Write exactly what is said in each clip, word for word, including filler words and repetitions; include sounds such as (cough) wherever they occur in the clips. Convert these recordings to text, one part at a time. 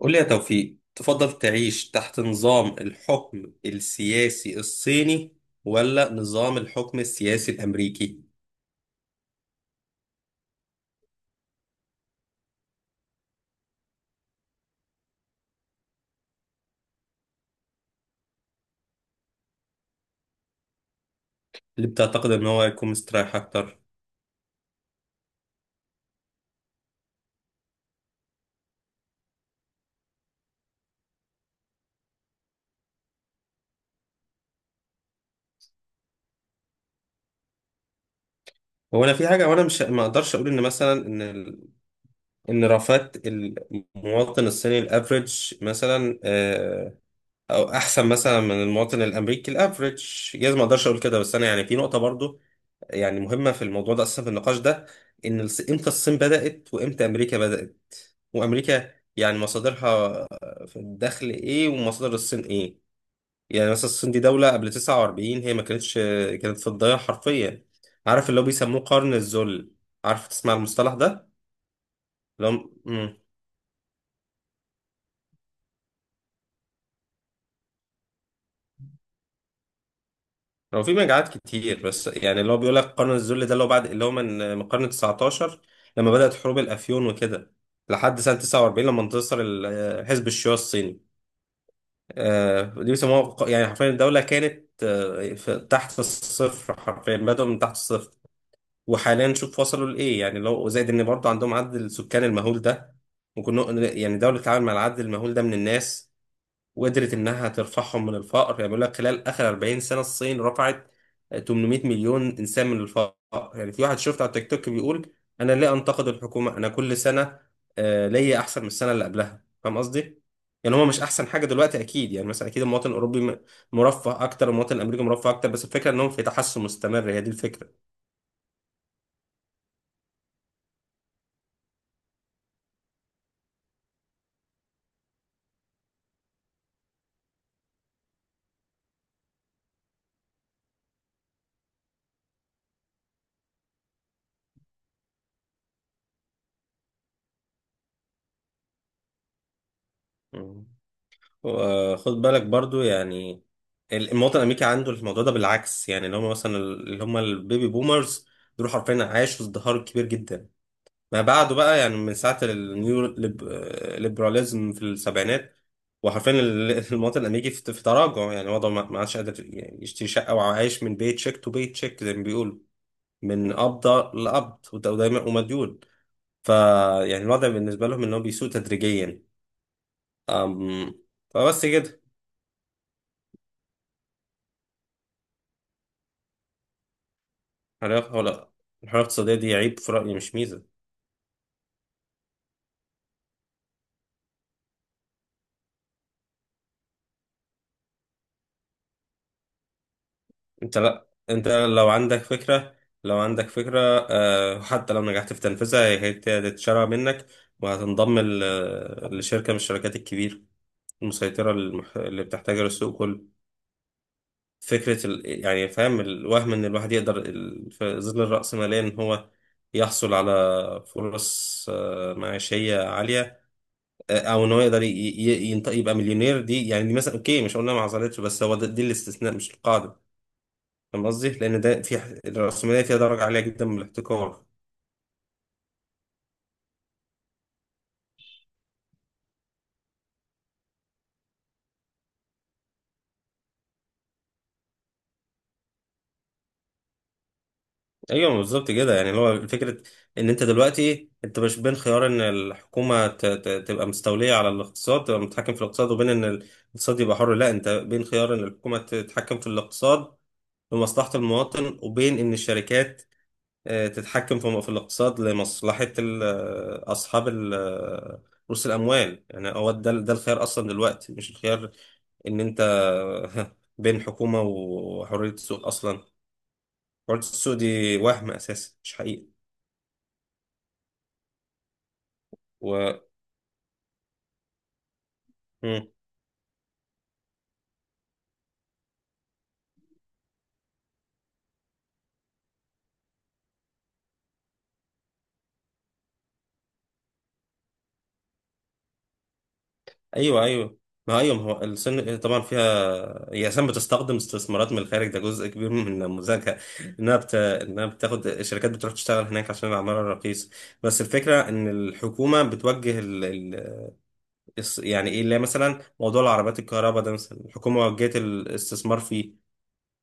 قول لي يا توفيق، تفضل تعيش تحت نظام الحكم السياسي الصيني ولا نظام الحكم السياسي الامريكي؟ اللي بتعتقد ان هو هيكون مستريح اكتر. هو انا في حاجه وانا مش ما اقدرش اقول ان مثلا ان ال- ان رفات المواطن الصيني الافريج مثلا آه، او احسن مثلا من المواطن الامريكي الافريج. جايز ما اقدرش اقول كده، بس انا يعني في نقطه برضو يعني مهمه في الموضوع ده، اصلا في النقاش ده، ان الص- امتى الصين بدات وامتى امريكا بدات، وامريكا يعني مصادرها في الدخل ايه ومصادر الصين ايه. يعني مثلا الصين دي دولة قبل تسعة وأربعين هي ما كانتش كانت في الضياع حرفيا. عارف اللي هو بيسموه قرن الذل؟ عارف تسمع المصطلح ده؟ اللي هو مم. هو في مجاعات كتير، بس يعني اللي هو بيقول لك قرن الذل ده اللي هو بعد اللي هو من من القرن تسعتاشر، لما بدأت حروب الافيون وكده لحد سنة تسعة وأربعين، لما انتصر ال- حزب الشيوعي الصيني. آه، دي بيسموها ق- يعني حرفيا الدولة كانت آه، في- تحت الصفر حرفيا، بدأوا من تحت الصفر. وحاليا شوف وصلوا لإيه، يعني لو زائد إن برضه عندهم عدد السكان المهول ده. ممكن نق- يعني دولة تتعامل مع العدد المهول ده من الناس وقدرت انها ترفعهم من الفقر. يعني بيقول لك خلال اخر أربعين سنه الصين رفعت ثمانمائة مليون انسان من الفقر. يعني في واحد شفت على التيك توك بيقول: انا ليه انتقد الحكومه؟ انا كل سنه آه، ليا احسن من السنه اللي قبلها. فاهم قصدي؟ يعني هو مش احسن حاجه دلوقتي اكيد، يعني مثلا اكيد المواطن الاوروبي م- مرفه اكتر، المواطن الامريكي مرفه اكتر، بس الفكره انهم في تحسن مستمر، هي دي الفكره. مم. وخد بالك برضو يعني المواطن الامريكي عنده الموضوع ده بالعكس، يعني اللي هم مثلا اللي هم البيبي بومرز دول حرفيا عاشوا ازدهار كبير جدا ما بعده بقى، يعني من ساعه النيو ليب- ليبراليزم في السبعينات وحرفيا ال- (laughs) المواطن الامريكي في في تراجع، يعني وضعه ما ما عادش قادر يعني يشتري شقه، وعايش من بيت شيك تو بيت شيك زي ما بيقولوا، من قبضه لقبض، وده- ودايما ومديون. فيعني الوضع بالنسبه لهم ان هو بيسوء تدريجيا. أم، فبس كده. حرية ولا؟ الحرية الاقتصادية دي عيب في رأيي، مش ميزة. انت لا انت لو عندك فكرة، لو عندك فكرة، آه، حتى لو نجحت في تنفيذها هي هي هتتشرع منك وهتنضم ل- لشركة من الشركات الكبيرة المسيطرة، المح- اللي بتحتاجها للسوق كله. فكرة ال... يعني فاهم، الوهم ان الواحد يقدر ال... في ظل الرأسمالية ان هو يحصل على فرص آه، معيشية عالية، آه، او ان هو يقدر ي- ي- ينط- يبقى مليونير. دي يعني دي مثلا اوكي، مش قلنا ما حصلتش، بس هو ده- دي الاستثناء مش القاعده. فاهم قصدي؟ لان ده في ح- الرأسمالية فيها درجه عاليه جدا من الاحتكار. ايوه بالظبط كده، يعني اللي هو فكره ان انت دلوقتي انت مش بين خيار ان الحكومه ت- ت- تبقى مستوليه على الاقتصاد، تبقى متحكم في الاقتصاد، وبين ان الاقتصاد يبقى حر. لا انت بين خيار ان الحكومه تتحكم في الاقتصاد لمصلحه المواطن، وبين ان الشركات آه، تتحكم في في الاقتصاد لمصلحة ال- آه، أصحاب ال- آه، رؤوس الأموال. يعني هو ده ده الخيار أصلا دلوقتي، مش الخيار إن أنت (laughs) بين حكومة وحرية السوق أصلا. حرية السوق دي وهم أساسا مش حقيقة. و... مم. أيوه أيوه. ما أيوه، ما هو السن طبعا فيها. هي أساسا بتستخدم استثمارات من الخارج، ده جزء كبير من نموذجها. إنها بت... إنها بتاخد الشركات بتروح تشتغل هناك عشان العمالة رخيصة. بس الفكرة إن الحكومة بتوجه ال... الص- يعني ايه، اللي هي مثلا موضوع العربيات الكهرباء ده مثلا، الحكومه وجهت الاستثمار فيه.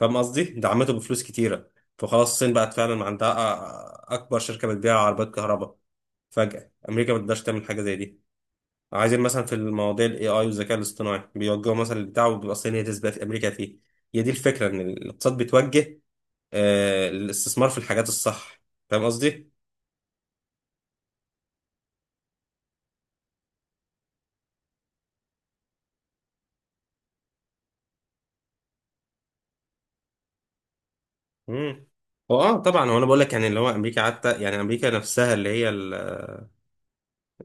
فاهم قصدي؟ دعمته بفلوس كتيره، فخلاص الصين بقت فعلا عندها أ- اكبر شركه بتبيع عربيات كهرباء. فجاه امريكا ما تقدرش تعمل حاجه زي دي. عايزين مثلا في المواضيع الاي اي والذكاء الاصطناعي بيوجهوا مثلا البتاع، وبيبقى الصين هي تسبق في امريكا فيه. هي دي الفكره، ان الاقتصاد بيتوجه آه للاستثمار في الحاجات الصح. فاهم قصدي؟ امم، هو اه طبعا، هو انا بقول لك يعني اللي هو امريكا حتى، يعني امريكا نفسها اللي هي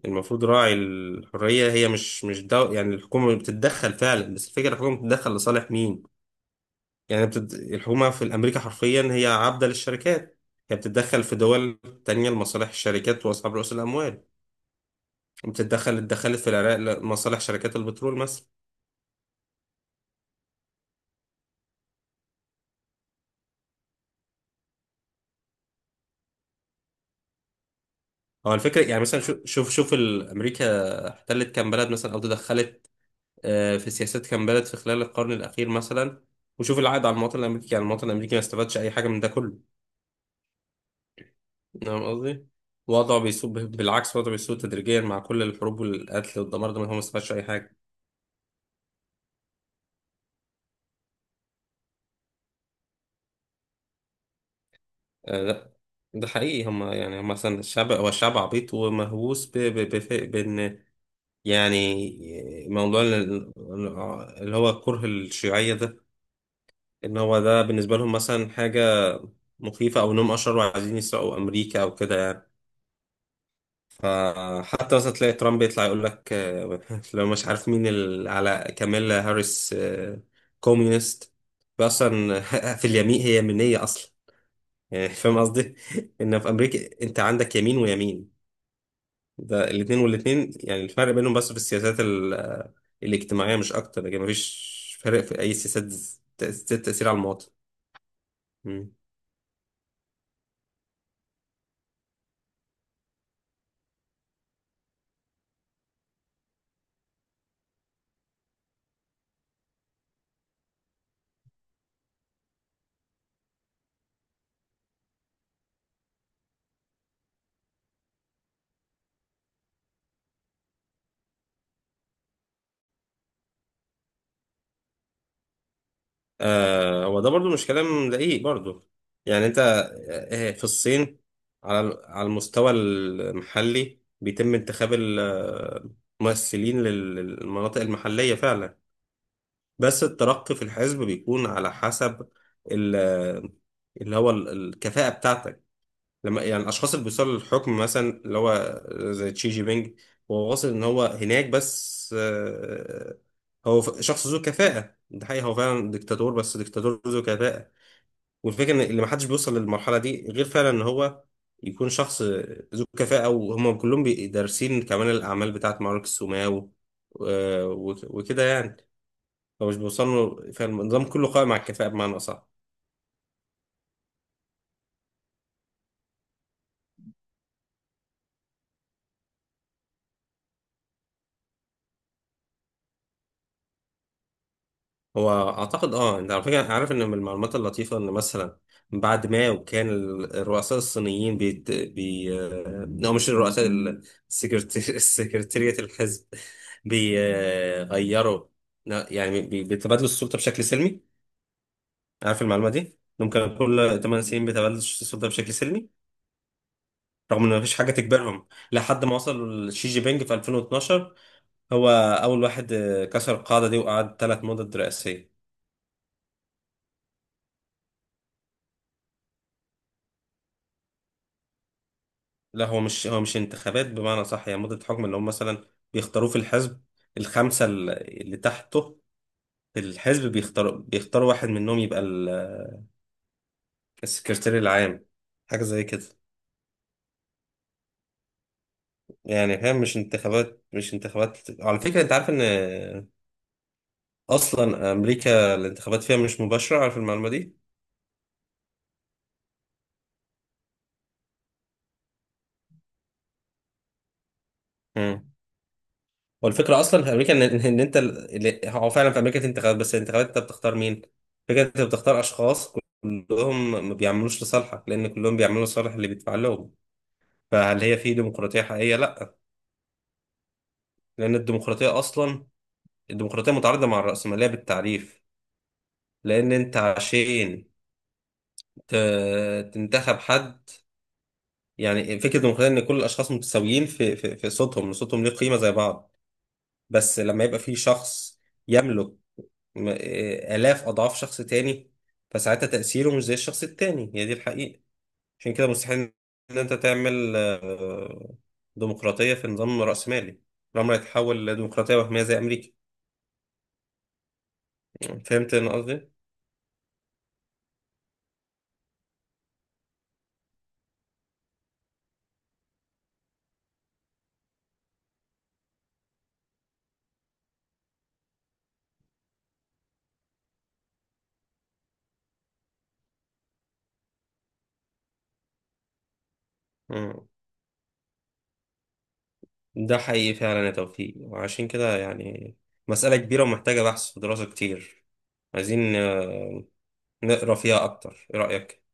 المفروض راعي الحرية، هي مش مش دو، يعني الحكومة بتتدخل فعلا، بس الفكرة الحكومة بتتدخل لصالح مين؟ يعني بتد... الحكومة في الأمريكا حرفيا هي عبدة للشركات. هي بتتدخل في دول تانية لمصالح الشركات وأصحاب رؤوس الأموال. بتتدخل، اتدخلت في العراق لمصالح شركات البترول مثلا. هو الفكرة يعني مثلا شو- شوف شوف ال- أمريكا احتلت كام بلد مثلا، أو تدخلت آه، في سياسات كام بلد في خلال القرن الأخير مثلا، وشوف العائد على المواطن الأمريكي. يعني المواطن الأمريكي ما استفادش أي حاجة من ده كله. فاهم قصدي؟ وضعه بيسوء، بالعكس وضعه بيسوء تدريجيا مع كل الحروب والقتل والدمار ده، ما هو ما استفادش اي حاجه. آه لا، ده حقيقي. هم يعني هم مثلا الشعب، هو الشعب عبيط ومهووس ب- ب- بف- بان، يعني موضوع ال- اللي هو كره الشيوعيه ده، ان هو ده بالنسبه لهم مثلا حاجه مخيفه، او انهم اشرار وعايزين يسرقوا امريكا او كده يعني. فحتى مثلا تلاقي ترامب يطلع يقول لك آه، (laughs) لو مش عارف مين ال- على كاميلا هاريس، آه، كوميونست بقى اصلا (laughs) في اليمين هي يمينيه اصلا، يعني فاهم قصدي؟ (laughs) ان في امريكا انت عندك يمين ويمين. ده الاثنين والاثنين يعني الفرق بينهم بس في السياسات ال- آه، الاجتماعيه مش اكتر، لكن مفيش فرق في اي سياسات ذات تاثير على المواطن. آه، هو ده برضو مش كلام دقيق برضو. يعني انت آه، في الصين على على المستوى المحلي بيتم انتخاب الممثلين للمناطق المحلية فعلا، بس الترقي في الحزب بيكون على حسب ال- آه، اللي هو ال- الكفاءة بتاعتك. لما يعني الاشخاص اللي بيوصلوا للحكم، مثلا اللي هو زي تشي جي بينج، هو واصل ان هو هناك، بس آه، هو ف- شخص ذو كفاءة. ده حقيقي، هو فعلا ديكتاتور بس ديكتاتور ذو كفاءة. والفكرة ان اللي محدش بيوصل للمرحلة دي غير فعلا ان هو يكون شخص ذو كفاءة، وهم كلهم بي- دارسين كمان الأعمال بتاعت ماركس وماو و- وكده يعني. هو مش بيوصلوا، فالنظام كله قائم على الكفاءة بمعنى أصح. هو اعتقد اه، انت على فكره عارف ان من المعلومات اللطيفه ان مثلا بعد ما كان ال- الرؤساء الصينيين بيت... بي آه، او مش الرؤساء ال- السكرت... (laughs) السكرتيرية الحزب بيغيروا، يعني بي... بيتبادلوا السلطه بشكل سلمي. عارف المعلومه دي؟ انهم كانوا كل ثمانية سنين بيتبادلوا السلطه بشكل سلمي، رغم ان مفيش حاجه تجبرهم، لحد ما وصل شي جي بينج في ألفين واثنا عشر. هو اول واحد آه، كسر القاعده دي وقعد ثلاث مدد رئاسيه. لا هو مش، هو مش انتخابات بمعنى صح. يعني مدة حكم اللي هم مثلا بيختاروه في الحزب، الخمسة ال- اللي تحته في الحزب بيختاروا بيختاروا واحد منهم يبقى ال- السكرتير العام، حاجة زي كده يعني. فاهم؟ مش انتخابات، مش انتخابات. على فكرة انت عارف ان اصلا امريكا الانتخابات فيها مش مباشرة؟ عارف المعلومة دي؟ مم. والفكره اصلا في امريكا ان ان إن انت اللي هو فعلا في امريكا انتخابات، بس الانتخابات انت بتختار مين؟ فكره انت بتختار اشخاص كلهم ما بيعملوش لصالحك، لان كلهم بيعملوا لصالح اللي بيدفع لهم. فهل هي في ديمقراطيه حقيقيه؟ لا. لان الديمقراطيه اصلا، الديمقراطيه متعارضه مع الرأسمالية بالتعريف. لان انت عشان ت- تنتخب حد، يعني فكره الديمقراطيه ان كل الاشخاص متساويين في في في صوتهم، صوتهم ليه قيمه زي بعض. بس لما يبقى في شخص يملك م- آه، آلاف أضعاف شخص تاني، فساعتها تأثيره مش زي الشخص التاني، هي دي الحقيقة. عشان كده مستحيل إن أنت تعمل آه، ديمقراطية في نظام رأسمالي. الأمر هيتحول لديمقراطية وهمية زي أمريكا. فهمت أنا قصدي؟ مم. ده حقيقي فعلا يا توفيق، وعشان كده يعني مسألة كبيرة ومحتاجة بحث ودراسة كتير. عايزين آه، نقرا فيها أكتر، إيه رأيك؟